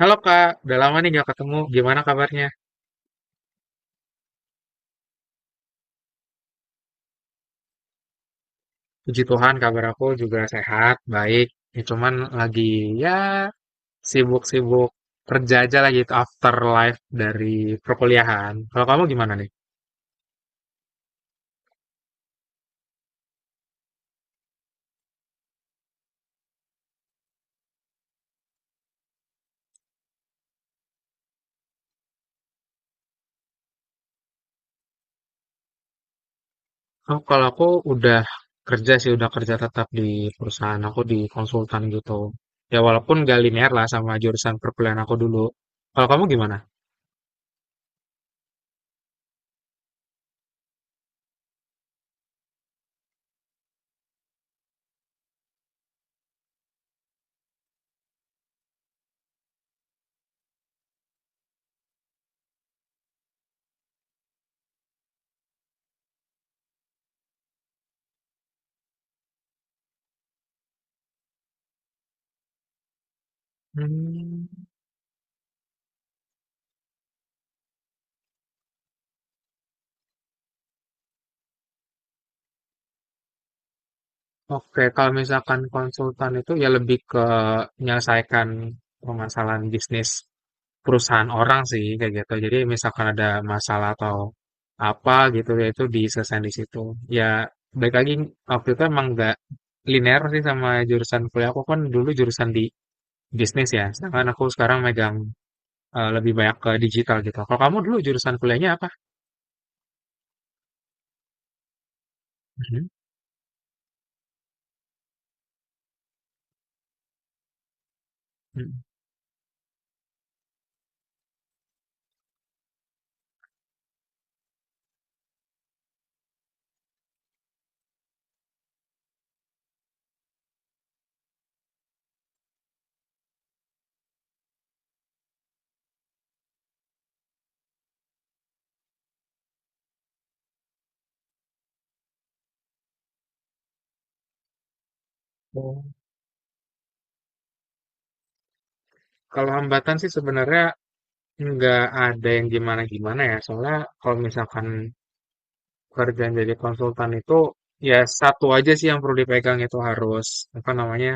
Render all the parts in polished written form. Halo Kak, udah lama nih gak ketemu. Gimana kabarnya? Puji Tuhan, kabar aku juga sehat, baik. Ya, cuman lagi ya sibuk-sibuk kerja aja lagi itu afterlife dari perkuliahan. Kalau kamu gimana nih? Oh, kalau aku udah kerja sih, udah kerja tetap di perusahaan aku di konsultan gitu. Ya walaupun gak linear lah sama jurusan perkuliahan aku dulu. Kalau kamu gimana? Hmm. Oke, kalau misalkan konsultan itu ya lebih ke menyelesaikan permasalahan bisnis perusahaan orang sih kayak gitu. Jadi misalkan ada masalah atau apa gitu ya itu diselesaikan di situ. Ya balik lagi waktu itu emang nggak linear sih sama jurusan kuliah. Aku kan dulu jurusan di bisnis ya. Sedangkan aku sekarang megang lebih banyak ke digital gitu. Kalau kamu dulu jurusan kuliahnya apa? Mhm. Mhm. Oh, kalau hambatan sih sebenarnya nggak ada yang gimana-gimana ya. Soalnya kalau misalkan kerjaan jadi konsultan itu ya satu aja sih yang perlu dipegang itu harus apa namanya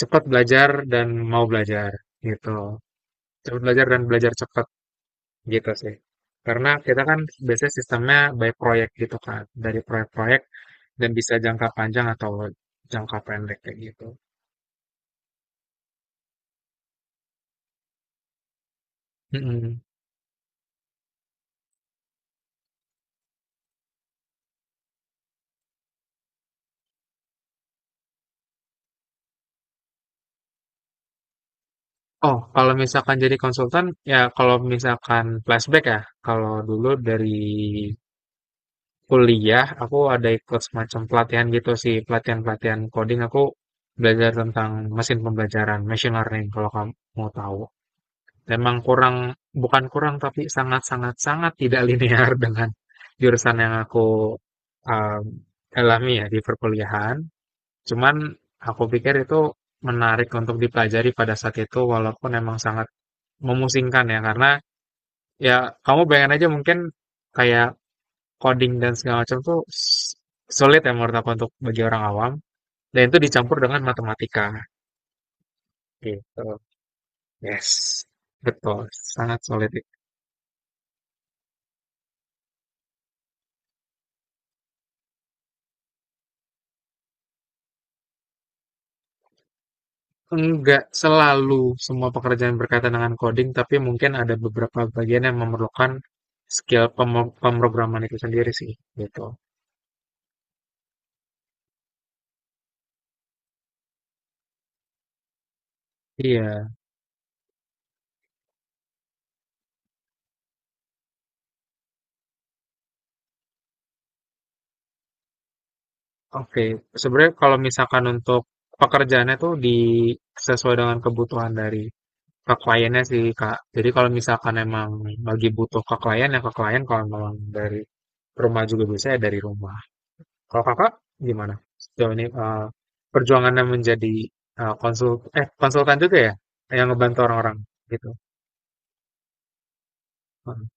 cepat belajar dan mau belajar gitu. Cepat belajar dan belajar cepat gitu sih. Karena kita kan biasanya sistemnya by proyek gitu kan, dari proyek-proyek dan bisa jangka panjang atau jangka pendek kayak gitu. Mm-mm. Oh, kalau misalkan jadi konsultan, ya kalau misalkan flashback ya, kalau dulu dari kuliah aku ada ikut semacam pelatihan gitu sih, pelatihan-pelatihan coding aku belajar tentang mesin pembelajaran, machine learning kalau kamu mau tahu. Memang kurang, bukan kurang, tapi sangat sangat sangat tidak linear dengan jurusan yang aku, mmm, alami ya di perkuliahan. Cuman aku pikir itu menarik untuk dipelajari pada saat itu walaupun memang sangat memusingkan ya, karena ya kamu bayangin aja mungkin kayak coding dan segala macam tuh sulit ya menurut aku untuk bagi orang awam dan itu dicampur dengan matematika gitu. Yes, betul, sangat sulit. Enggak selalu semua pekerjaan berkaitan dengan coding, tapi mungkin ada beberapa bagian yang memerlukan skill pemrograman itu sendiri sih, gitu. Iya, oke. Sebenarnya kalau misalkan untuk pekerjaannya tuh di sesuai dengan kebutuhan dari ke kliennya sih, Kak. Jadi kalau misalkan emang lagi butuh ke klien, ya ke klien. Kalau memang dari rumah juga bisa, ya dari rumah. Kalau kakak gimana sejauh ini perjuangannya menjadi eh, konsul konsultan juga ya yang ngebantu orang-orang gitu. Heeh.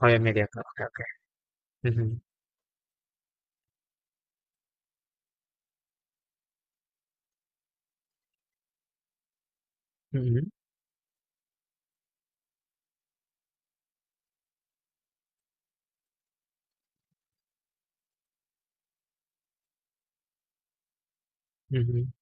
Oh ya, mediator. Oke, oke. Mhm. Mhm. Mhm.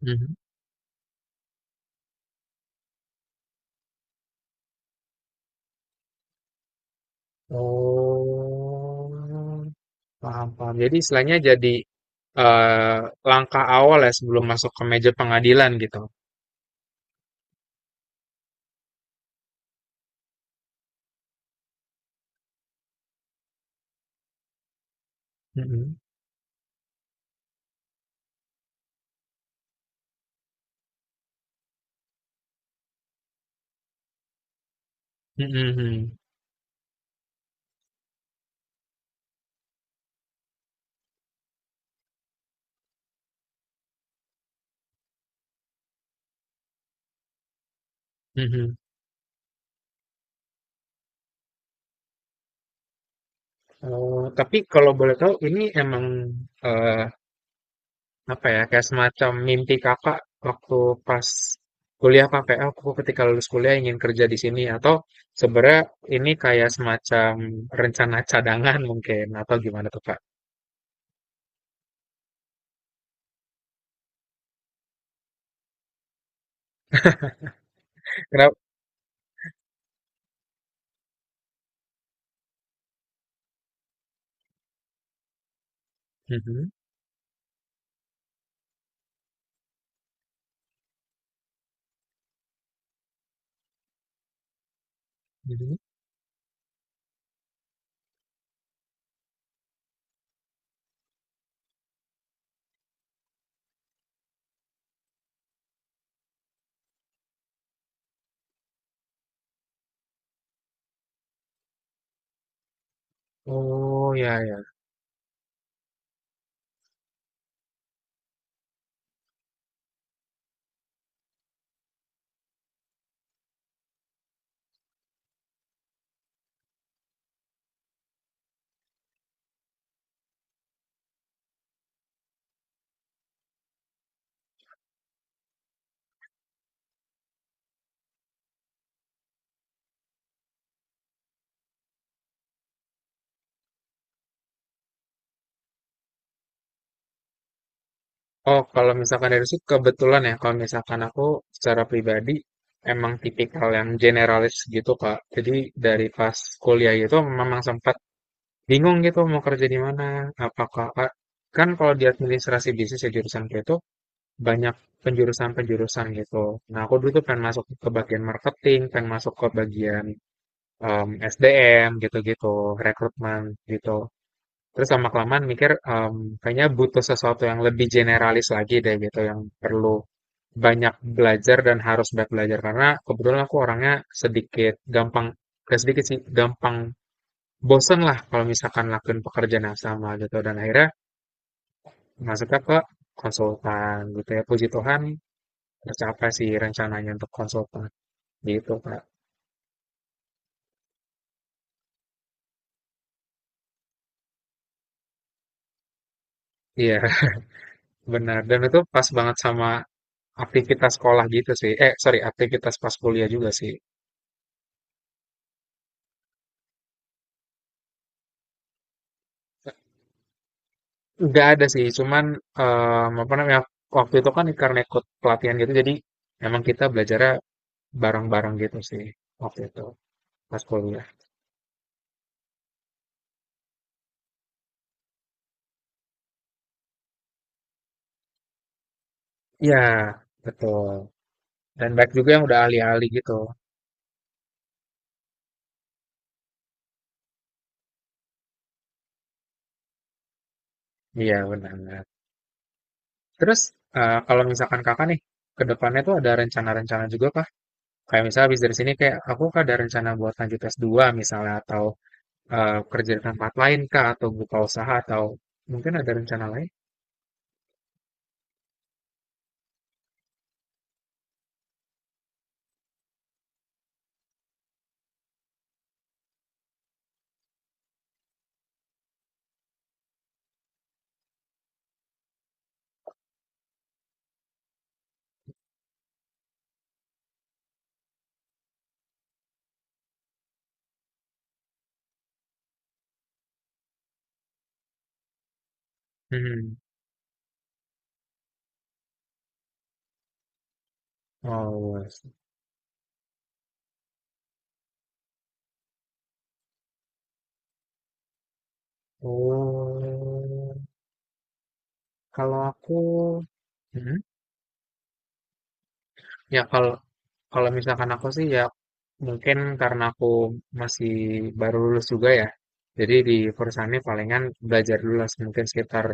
Mhm. Oh, paham paham. Jadi istilahnya jadi eh, langkah awal ya sebelum masuk ke meja pengadilan gitu. Mhm. Mhm. Mhm. Mhm. Oh tapi kalau boleh tahu, ini emang eh, apa ya, kayak semacam mimpi kakak waktu pas kuliah, kakak kayak, "Ah, aku ketika lulus kuliah ingin kerja di sini," atau sebenarnya ini kayak semacam rencana cadangan, mungkin, atau gimana tuh kak? Kenapa? Mhm, mhm. Oh ya ya. Oh, kalau misalkan dari situ kebetulan ya, kalau misalkan aku secara pribadi emang tipikal yang generalis gitu kak. Jadi dari pas kuliah itu memang sempat bingung gitu mau kerja di mana. Apa kakak, kan kalau di administrasi bisnis ya jurusanku itu banyak penjurusan-penjurusan gitu. Nah, aku dulu tuh pengen masuk ke bagian marketing, pengen masuk ke bagian SDM gitu-gitu, rekrutmen gitu. Terus lama kelamaan mikir, kayaknya butuh sesuatu yang lebih generalis lagi deh gitu, yang perlu banyak belajar dan harus banyak belajar karena kebetulan aku orangnya sedikit gampang, gak sedikit sih, gampang bosen lah kalau misalkan lakuin pekerjaan yang sama gitu, dan akhirnya masuknya ke konsultan gitu, ya Puji Tuhan tercapai sih rencananya untuk konsultan gitu Kak. Iya, benar, dan itu pas banget sama aktivitas sekolah gitu sih, eh sorry, aktivitas pas kuliah juga sih. Nggak ada sih, cuman apa namanya, waktu itu kan karena ikut pelatihan gitu, jadi emang kita belajarnya bareng-bareng gitu sih waktu itu pas kuliah. Ya betul, dan baik juga yang udah ahli-ahli gitu. Iya benar. Terus kalau misalkan kakak nih ke depannya tuh ada rencana-rencana juga kah? Kayak misalnya habis dari sini kayak aku kah, ada rencana buat lanjut S2 misalnya, atau kerja di tempat lain kah, atau buka usaha, atau mungkin ada rencana lain? Hmm. Oh, dua. Oh. Kalau aku, mhm, ya kalau kalau misalkan aku sih ya mungkin karena aku masih baru lulus juga ya. Jadi di perusahaan ini palingan belajar dulu lah mungkin sekitar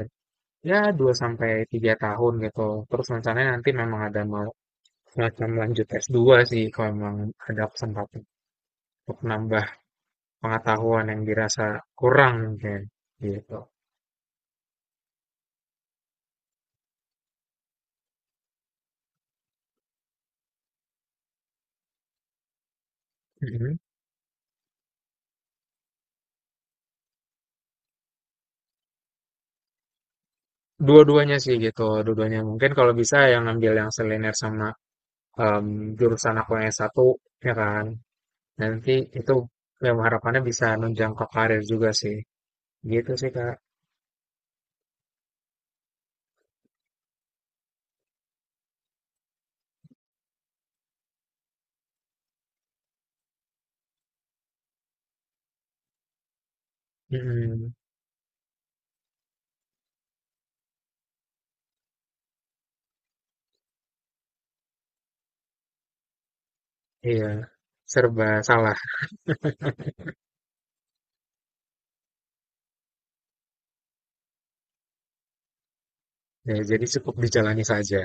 ya 2 sampai 3 tahun gitu. Terus rencananya nanti memang ada mau semacam lanjut S2 sih kalau memang ada kesempatan untuk nambah pengetahuan yang dirasa kurang mungkin gitu. Mhm. Dua-duanya sih gitu, dua-duanya mungkin kalau bisa yang ambil yang seliner sama em, jurusan aku yang S1 ya kan. Nanti itu yang harapannya bisa nunjang ke karir juga sih. Gitu sih Kak. Mhm. Iya, serba salah. Ya, jadi cukup dijalani saja.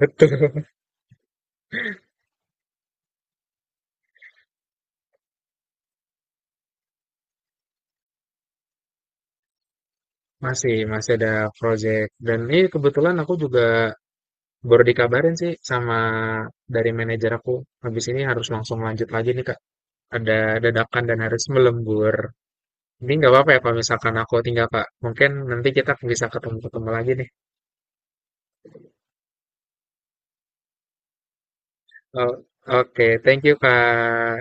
Betul. Masih ada project. Dan ini kebetulan aku juga baru dikabarin sih sama dari manajer aku. Habis ini harus langsung lanjut lagi nih Kak. Ada dadakan dan harus melembur. Ini nggak apa-apa ya kalau misalkan aku tinggal Kak. Mungkin nanti kita bisa ketemu-ketemu lagi nih. Oh, oke, thank you Kak.